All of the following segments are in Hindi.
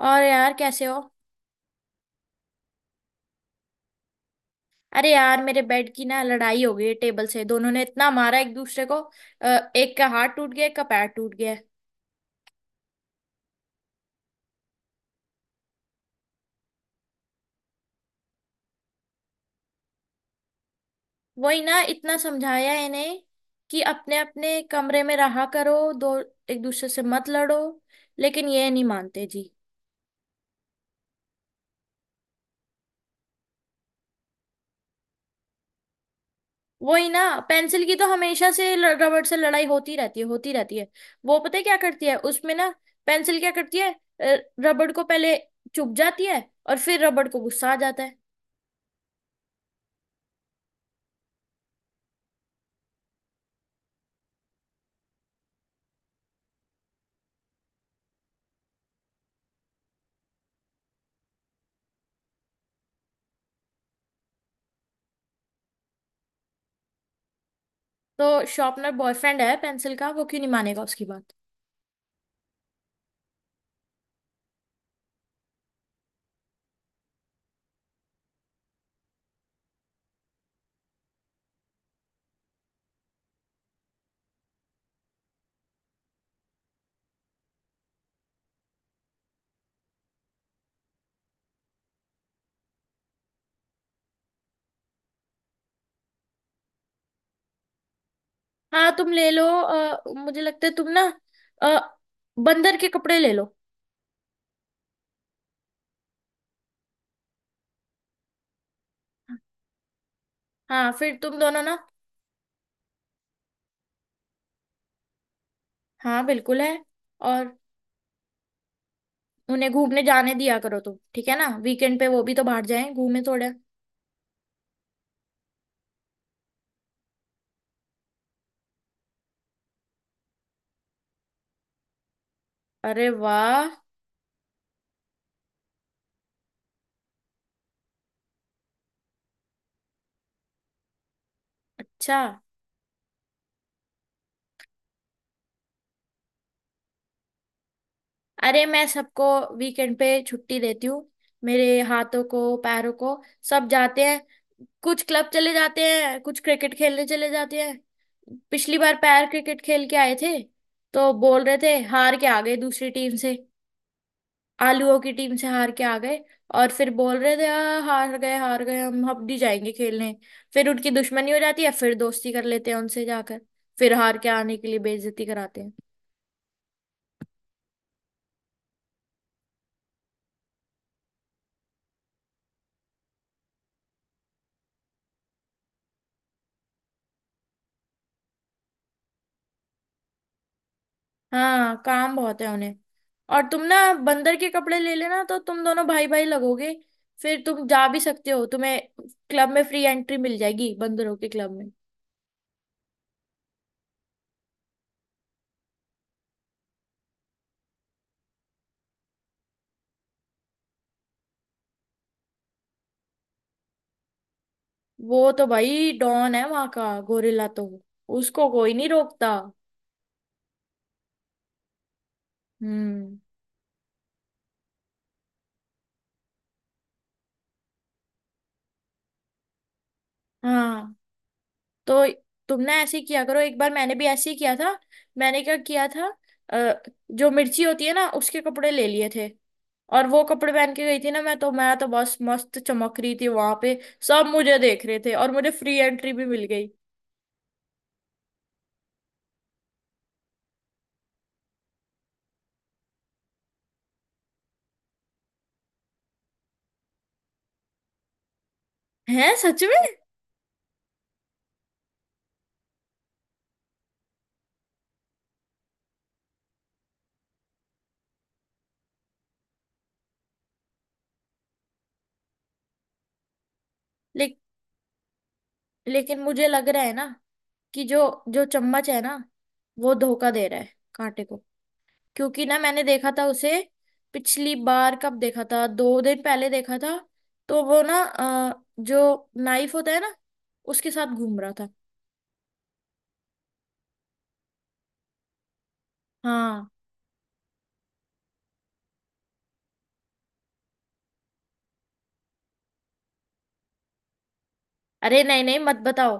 और यार, कैसे हो? अरे यार, मेरे बेड की ना लड़ाई हो गई है टेबल से। दोनों ने इतना मारा एक दूसरे को। एक का हाथ टूट गया, एक का पैर टूट गया। वही ना, इतना समझाया है इन्हें कि अपने अपने कमरे में रहा करो। दो एक दूसरे से मत लड़ो। लेकिन ये नहीं मानते जी। वही ना। पेंसिल की तो हमेशा से रबड़ से लड़ाई होती रहती है, होती रहती है। वो पता है क्या करती है उसमें ना? पेंसिल क्या करती है? अ, रबड़ को पहले चुभ जाती है, और फिर रबड़ को गुस्सा आ जाता है। तो शॉर्पनर बॉयफ्रेंड है पेंसिल का, वो क्यों नहीं मानेगा उसकी बात। हाँ, तुम ले लो। मुझे लगता है तुम ना, अ, बंदर के कपड़े ले लो। हाँ, फिर तुम दोनों ना। हाँ बिल्कुल है। और उन्हें घूमने जाने दिया करो तुम, ठीक है ना। वीकेंड पे वो भी तो बाहर जाएं, घूमे थोड़े। अरे वाह। अच्छा। अरे, मैं सबको वीकेंड पे छुट्टी देती हूँ। मेरे हाथों को, पैरों को, सब जाते हैं। कुछ क्लब चले जाते हैं, कुछ क्रिकेट खेलने चले जाते हैं। पिछली बार पैर क्रिकेट खेल के आए थे, तो बोल रहे थे हार के आ गए दूसरी टीम से। आलूओं की टीम से हार के आ गए। और फिर बोल रहे थे, हार गए, हार गए, हम अब नहीं जाएंगे खेलने।" फिर उनकी दुश्मनी हो जाती है, फिर दोस्ती कर लेते हैं उनसे जाकर। फिर हार के आने के लिए बेइज्जती कराते हैं। हाँ, काम बहुत है उन्हें। और तुम ना, बंदर के कपड़े ले लेना, तो तुम दोनों भाई भाई लगोगे। फिर तुम जा भी सकते हो, तुम्हें क्लब में फ्री एंट्री मिल जाएगी, बंदरों के क्लब में। वो तो भाई डॉन है वहां का, गोरिल्ला तो। उसको कोई नहीं रोकता। हम्म। हाँ, तो तुमने ऐसे ही किया करो। एक बार मैंने भी ऐसे ही किया था। मैंने क्या किया था? अ, जो मिर्ची होती है ना, उसके कपड़े ले लिए थे। और वो कपड़े पहन के गई थी ना, मैं तो बस मस्त चमक रही थी वहां पे। सब मुझे देख रहे थे, और मुझे फ्री एंट्री भी मिल गई। है सच में। ले, लेकिन मुझे लग रहा है ना, कि जो जो चम्मच है ना, वो धोखा दे रहा है कांटे को। क्योंकि ना मैंने देखा था उसे। पिछली बार कब देखा था? दो दिन पहले देखा था। तो वो ना, जो नाइफ होता है ना, उसके साथ घूम रहा था। हाँ। अरे नहीं नहीं, मत बताओ।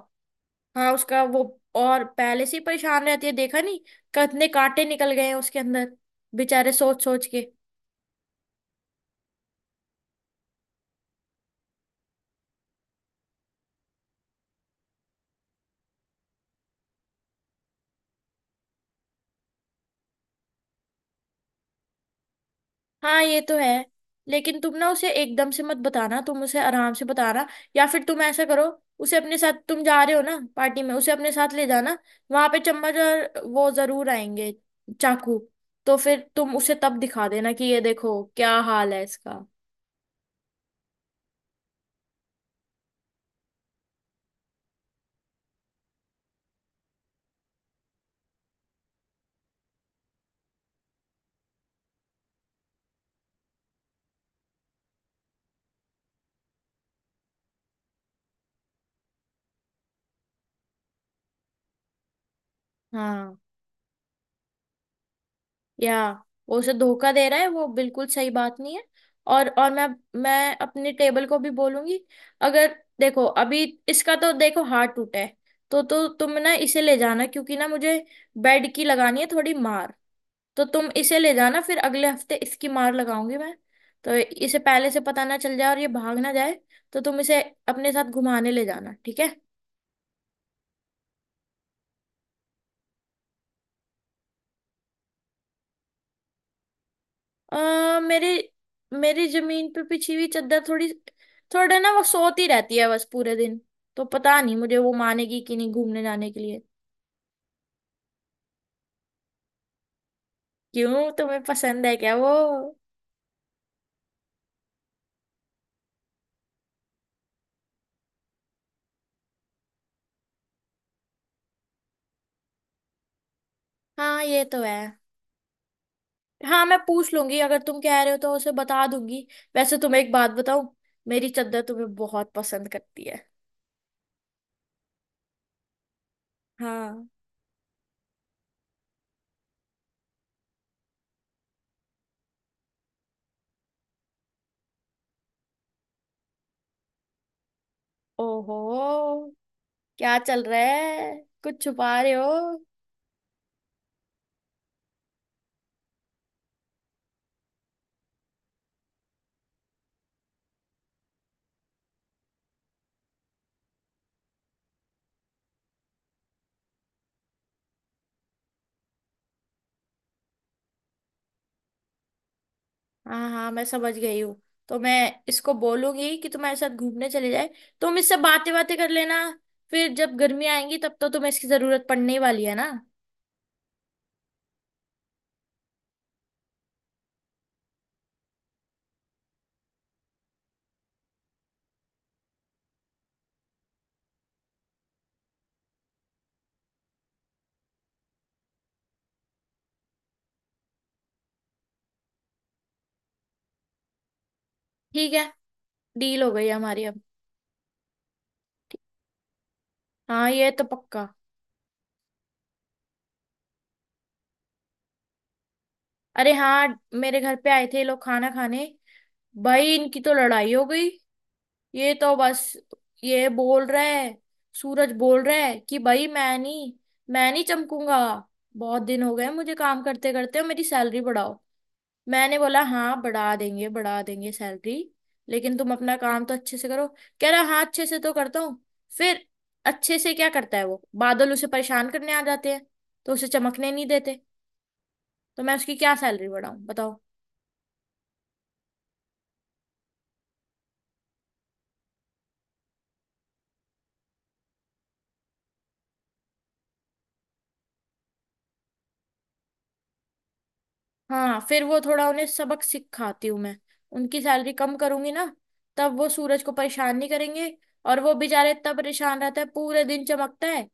हाँ उसका वो, और पहले से ही परेशान रहती है, देखा नहीं, कितने कांटे निकल गए हैं उसके अंदर, बेचारे सोच सोच के। हाँ ये तो है। लेकिन तुम ना, उसे एकदम से मत बताना, तुम उसे आराम से बताना। या फिर तुम ऐसा करो, उसे अपने साथ, तुम जा रहे हो ना पार्टी में, उसे अपने साथ ले जाना। वहां पे चम्मच और वो जरूर आएंगे, चाकू। तो फिर तुम उसे तब दिखा देना कि ये देखो क्या हाल है इसका। हाँ। या वो उसे धोखा दे रहा है, वो बिल्कुल सही बात नहीं है। और मैं अपने टेबल को भी बोलूंगी। अगर देखो अभी, इसका तो देखो हाथ टूटा है। तो तुम ना इसे ले जाना, क्योंकि ना मुझे बेड की लगानी है थोड़ी मार। तो तुम इसे ले जाना, फिर अगले हफ्ते इसकी मार लगाऊंगी मैं। तो इसे पहले से पता ना चल जाए और ये भाग ना जाए। तो तुम इसे अपने साथ घुमाने ले जाना, ठीक है। मेरे, मेरी जमीन पे बिछी हुई चादर थोड़ी, थोड़ा ना वो सोती रहती है बस पूरे दिन। तो पता नहीं मुझे, वो मानेगी कि नहीं घूमने जाने के लिए। क्यों, तुम्हें पसंद है क्या वो? हाँ ये तो है। हाँ, मैं पूछ लूंगी, अगर तुम कह रहे हो तो उसे बता दूंगी। वैसे तुम्हें एक बात बताऊं, मेरी चादर तुम्हें बहुत पसंद करती है। हाँ। ओहो, क्या चल रहा है? कुछ छुपा रहे हो? हाँ हाँ, मैं समझ गई हूँ। तो मैं इसको बोलूंगी कि तुम्हारे साथ घूमने चले जाए। तुम इससे बातें बातें कर लेना। फिर जब गर्मी आएंगी, तब तो तुम्हें इसकी जरूरत पड़ने ही वाली है ना। ठीक है, डील हो गई हमारी अब। हाँ ये तो पक्का। अरे हाँ, मेरे घर पे आए थे ये लोग, खाना खाने। भाई इनकी तो लड़ाई हो गई। ये तो बस, ये बोल रहा है, सूरज बोल रहा है कि भाई, मैं नहीं चमकूंगा। बहुत दिन हो गए मुझे काम करते करते, मेरी सैलरी बढ़ाओ। मैंने बोला, हाँ बढ़ा देंगे, बढ़ा देंगे सैलरी, लेकिन तुम अपना काम तो अच्छे से करो। कह रहा, हाँ अच्छे से तो करता हूँ। फिर अच्छे से क्या करता है, वो बादल उसे परेशान करने आ जाते हैं, तो उसे चमकने नहीं देते। तो मैं उसकी क्या सैलरी बढ़ाऊं, बताओ। हाँ, फिर वो थोड़ा उन्हें सबक सिखाती हूँ मैं। उनकी सैलरी कम करूंगी ना, तब वो सूरज को परेशान नहीं करेंगे। और वो बेचारा इतना परेशान रहता है, पूरे दिन चमकता है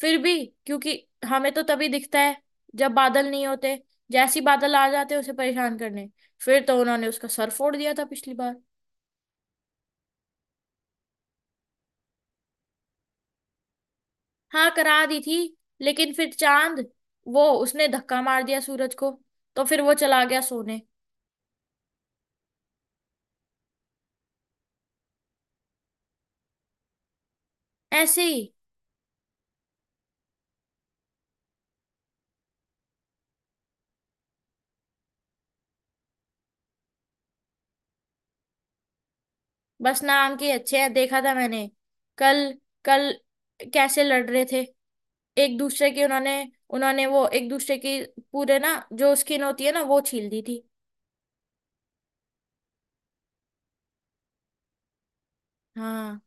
फिर भी, क्योंकि हमें तो तभी दिखता है जब बादल नहीं होते। जैसी बादल आ जाते हैं उसे परेशान करने, फिर तो उन्होंने उसका सर फोड़ दिया था पिछली बार। हाँ करा दी थी। लेकिन फिर चांद, वो उसने धक्का मार दिया सूरज को, तो फिर वो चला गया सोने। ऐसे ही। बस नाम के अच्छे हैं, देखा था मैंने कल कल कैसे लड़ रहे थे। एक दूसरे की उन्होंने उन्होंने वो एक दूसरे की पूरे ना, जो स्किन होती है ना, वो छील दी थी। हाँ।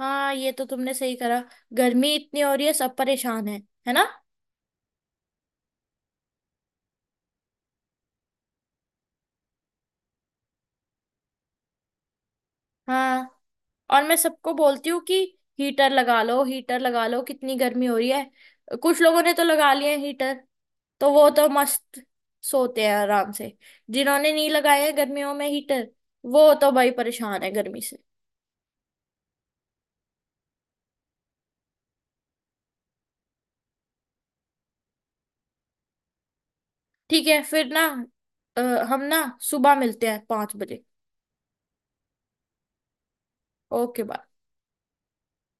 हाँ ये तो तुमने सही करा। गर्मी इतनी हो रही है, सब परेशान है ना। हाँ, और मैं सबको बोलती हूँ कि हीटर लगा लो, हीटर लगा लो, कितनी गर्मी हो रही है। कुछ लोगों ने तो लगा लिए हैं हीटर, तो वो तो मस्त सोते हैं आराम से। जिन्होंने नहीं लगाया है गर्मियों में हीटर, वो तो भाई परेशान है गर्मी से। ठीक है फिर ना, अ, हम ना सुबह मिलते हैं 5 बजे। Okay bye.